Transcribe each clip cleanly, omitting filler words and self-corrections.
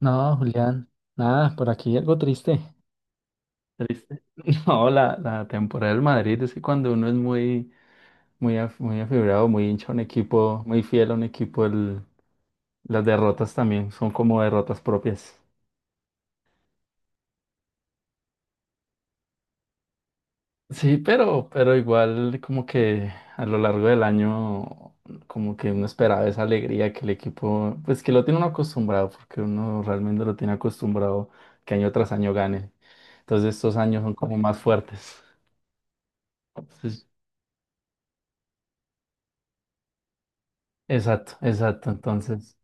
No, Julián, nada, por aquí algo triste. Triste. No, la temporada del Madrid es que cuando uno es muy afibrado, muy hincha a un equipo, muy fiel a un equipo, las derrotas también son como derrotas propias. Sí, pero igual como que a lo largo del año como que uno esperaba esa alegría que el equipo, pues que lo tiene uno acostumbrado, porque uno realmente lo tiene acostumbrado que año tras año gane. Entonces estos años son como más fuertes. Exacto, exacto. Entonces,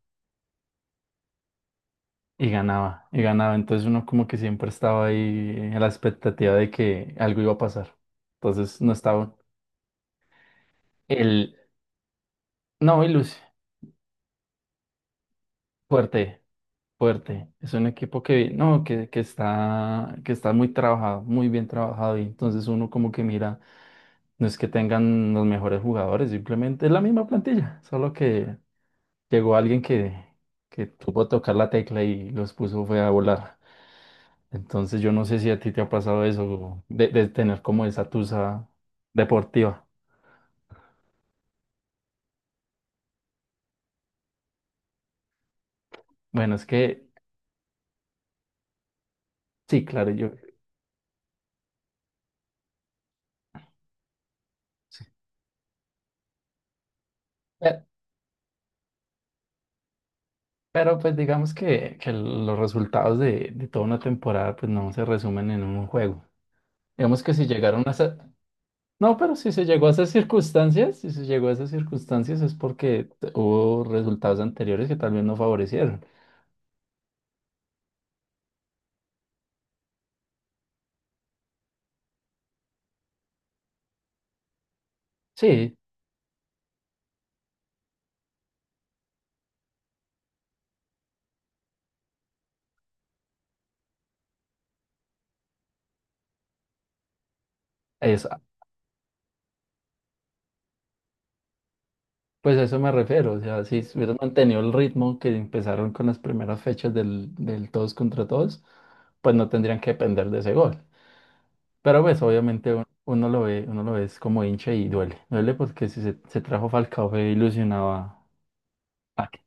y ganaba, y ganaba. Entonces uno como que siempre estaba ahí en la expectativa de que algo iba a pasar. Entonces no estaba el no, y Lucy, fuerte, fuerte. Es un equipo que no, que está, que está muy trabajado, muy bien trabajado. Y entonces uno como que mira, no es que tengan los mejores jugadores, simplemente es la misma plantilla, solo que llegó alguien que supo tocar la tecla y los puso fue a volar. Entonces yo no sé si a ti te ha pasado eso, de tener como esa tusa deportiva. Bueno, es que sí, claro, yo... sí. Pe- Pero, pues digamos que los resultados de toda una temporada pues no se resumen en un juego. Digamos que si llegaron a esa... No, pero si se llegó a esas circunstancias, si se llegó a esas circunstancias es porque hubo resultados anteriores que tal vez no favorecieron. Sí, es, pues a eso me refiero, o sea, si hubieran mantenido el ritmo que empezaron con las primeras fechas del todos contra todos, pues no tendrían que depender de ese gol. Pero pues obviamente uno lo ve es como hincha y duele, duele porque si se, se trajo Falcao fue ilusionado a... a que-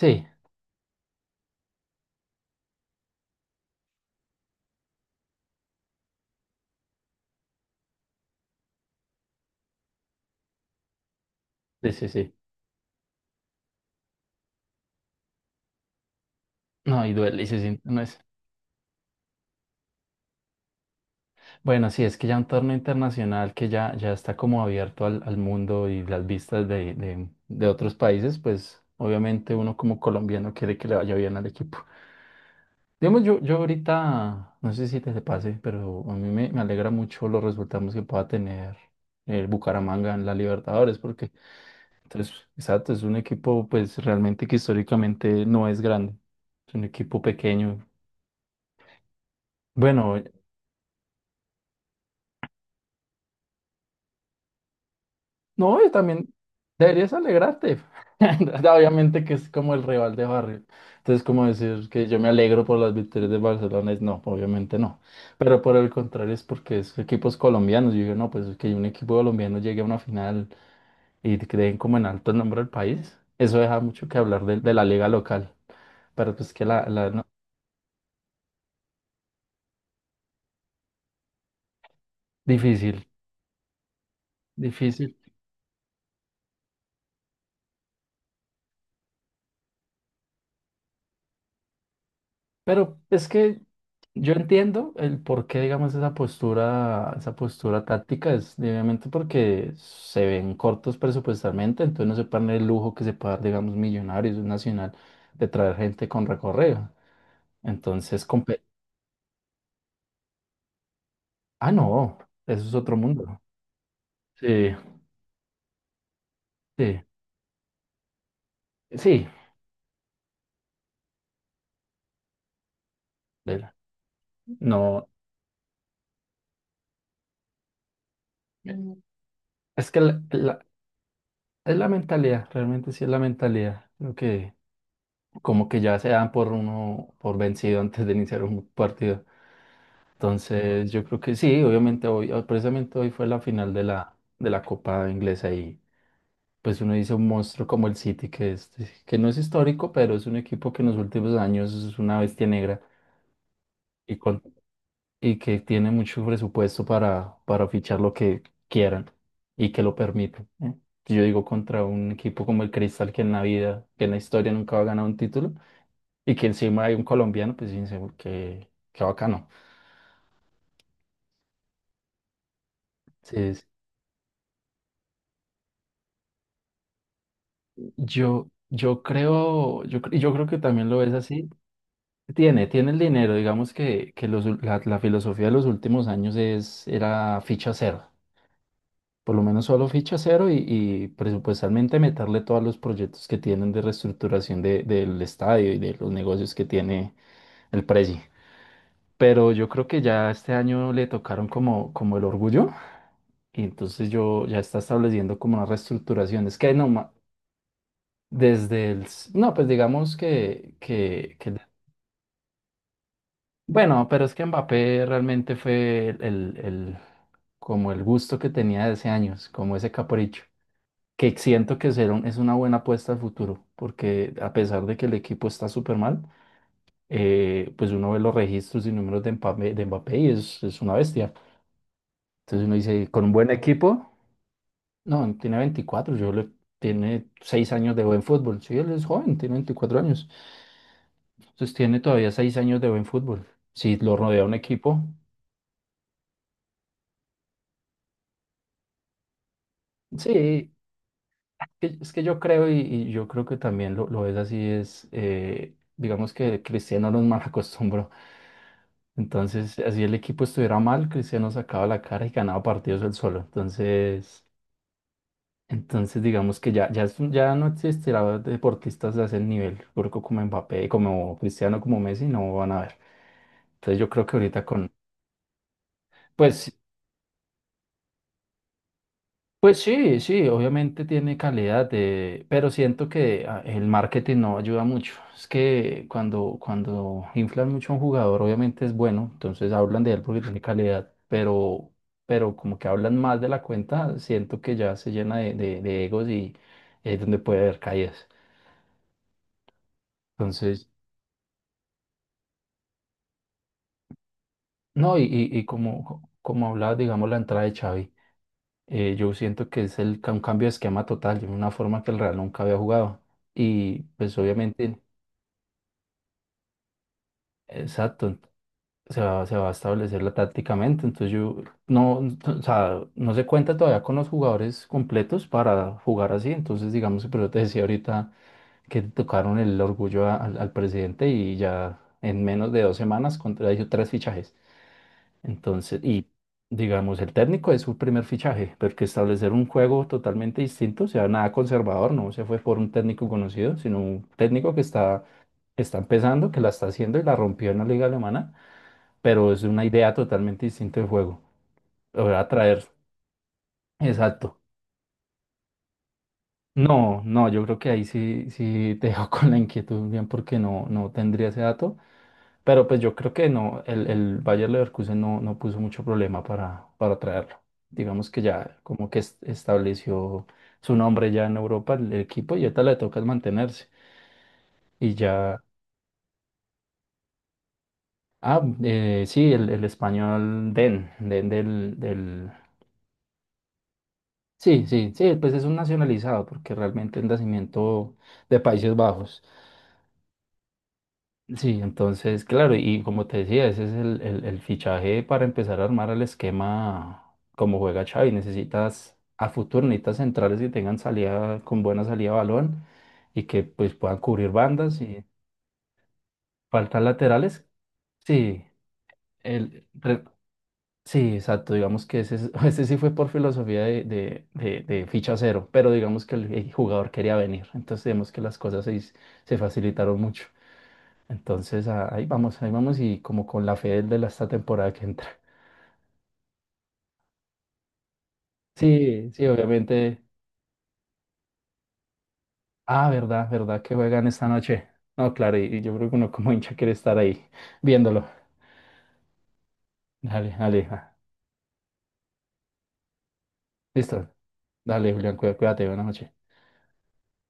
Sí, sí. No, y duele, y se siente- no es... Bueno, sí, es que ya un torneo internacional que ya, ya está como abierto al, al mundo y las vistas de, de otros países, pues obviamente uno como colombiano quiere que le vaya bien al equipo. Digamos, yo ahorita, no sé si te, te pase, pero a mí me, me alegra mucho los resultados que pueda tener el Bucaramanga en la Libertadores, porque, entonces, exacto, es un equipo pues realmente que históricamente no es grande, es un equipo pequeño. Bueno, no, y también deberías alegrarte. Obviamente que es como el rival de barrio. Entonces, como decir que yo me alegro por las victorias de Barcelona, es no, obviamente no. Pero por el contrario, es porque es equipos colombianos. Yo digo, no, pues que un equipo colombiano llegue a una final y creen como en alto el nombre del país. Eso deja mucho que hablar de la liga local. Pero pues que la no, difícil, difícil. Pero es que yo entiendo el por qué, digamos, esa postura táctica es obviamente porque se ven cortos presupuestalmente, entonces no se pagan el lujo que se puede dar, digamos, Millonarios, un Nacional, de traer gente con recorrido. Entonces, ah, no, eso es otro mundo. Sí, sí, sí, Lela, no. Mm, es que es la mentalidad, realmente sí es la mentalidad, lo que... como que ya se dan por uno por vencido antes de iniciar un partido. Entonces, yo creo que sí, obviamente precisamente hoy fue la final de la Copa Inglesa y pues uno dice un monstruo como el City, que, es, que no es histórico, pero es un equipo que en los últimos años es una bestia negra y, con, y que tiene mucho presupuesto para fichar lo que quieran y que lo permiten. ¿Eh? Yo digo contra un equipo como el Crystal que en la vida, que en la historia nunca va a ganar un título y que encima hay un colombiano, pues fíjense, qué, qué bacano. Entonces, yo creo que también lo ves así. Tiene, tiene el dinero, digamos que los la filosofía de los últimos años es, era ficha cero, por lo menos solo ficha cero y presupuestalmente meterle todos los proyectos que tienen de reestructuración del estadio y de los negocios que tiene el presi. Pero yo creo que ya este año le tocaron como, como el orgullo. Y entonces yo ya está estableciendo como una reestructuración. Es que no, no, pues digamos que... Bueno, pero es que Mbappé realmente fue como el gusto que tenía de ese años, como ese capricho, que siento que será es una buena apuesta al futuro, porque a pesar de que el equipo está súper mal, pues uno ve los registros y números de Mbappé y es una bestia. Entonces uno dice, con un buen equipo, no, tiene 24, yo le, tiene 6 años de buen fútbol. Sí, él es joven, tiene 24 años. Entonces tiene todavía 6 años de buen fútbol. Si lo rodea un equipo, sí, es que yo creo y yo creo que también lo es así, es, digamos que Cristiano nos mal acostumbró. Entonces, así el equipo estuviera mal, Cristiano sacaba la cara y ganaba partidos él solo. Entonces... entonces, digamos que es ya no existirá deportistas de ese nivel, turco como Mbappé, como Cristiano, como Messi, no van a ver. Entonces, yo creo que ahorita con. Pues, pues sí, sí, obviamente tiene calidad, de, pero siento que el marketing no ayuda mucho. Es que cuando inflan mucho a un jugador, obviamente es bueno, entonces hablan de él porque tiene calidad, pero como que hablan más de la cuenta, siento que ya se llena de egos y es donde puede haber caídas. Entonces. No, y como, como hablaba, digamos, la entrada de Xavi, yo siento que es un cambio de esquema total, de una forma que el Real nunca había jugado. Y pues obviamente, exacto, se va a establecerla tácticamente. Entonces yo no, o sea, no se cuenta todavía con los jugadores completos para jugar así. Entonces, digamos, pero te decía ahorita que tocaron el orgullo al presidente y ya en menos de 2 semanas contrajo 3 fichajes. Entonces, y digamos, el técnico es su primer fichaje, porque establecer un juego totalmente distinto, o sea, nada conservador, no se fue por un técnico conocido, sino un técnico que está empezando, que la está haciendo y la rompió en la liga alemana, pero es una idea totalmente distinta de juego. Lo va a traer, exacto. No, no, yo creo que ahí sí, sí te dejo con la inquietud bien porque no, no tendría ese dato. Pero pues yo creo que no, el Bayer Leverkusen no, no puso mucho problema para traerlo. Digamos que ya como que estableció su nombre ya en Europa el equipo y ahorita le toca es mantenerse. Y ya, ah, sí, el español Den, Den del... Sí, sí, sí, pues es un nacionalizado porque realmente es nacimiento de Países Bajos. Sí, entonces, claro, y como te decía, ese es el fichaje para empezar a armar el esquema como juega Xavi. Necesitas a futuro, necesitas centrales que tengan salida, con buena salida de balón y que pues puedan cubrir bandas y faltan laterales. Sí, el, re- sí, exacto, digamos que ese, ese sí fue por filosofía de ficha cero, pero digamos que el jugador quería venir, entonces vemos que las cosas se facilitaron mucho. Entonces ahí vamos y como con la fe del de la, esta temporada que entra. Sí, sí, obviamente. Ah, verdad, verdad que juegan esta noche. No, claro, y yo creo que uno como hincha quiere estar ahí viéndolo. Dale, dale. Ah, listo. Dale, Julián, cuídate, buenas noches.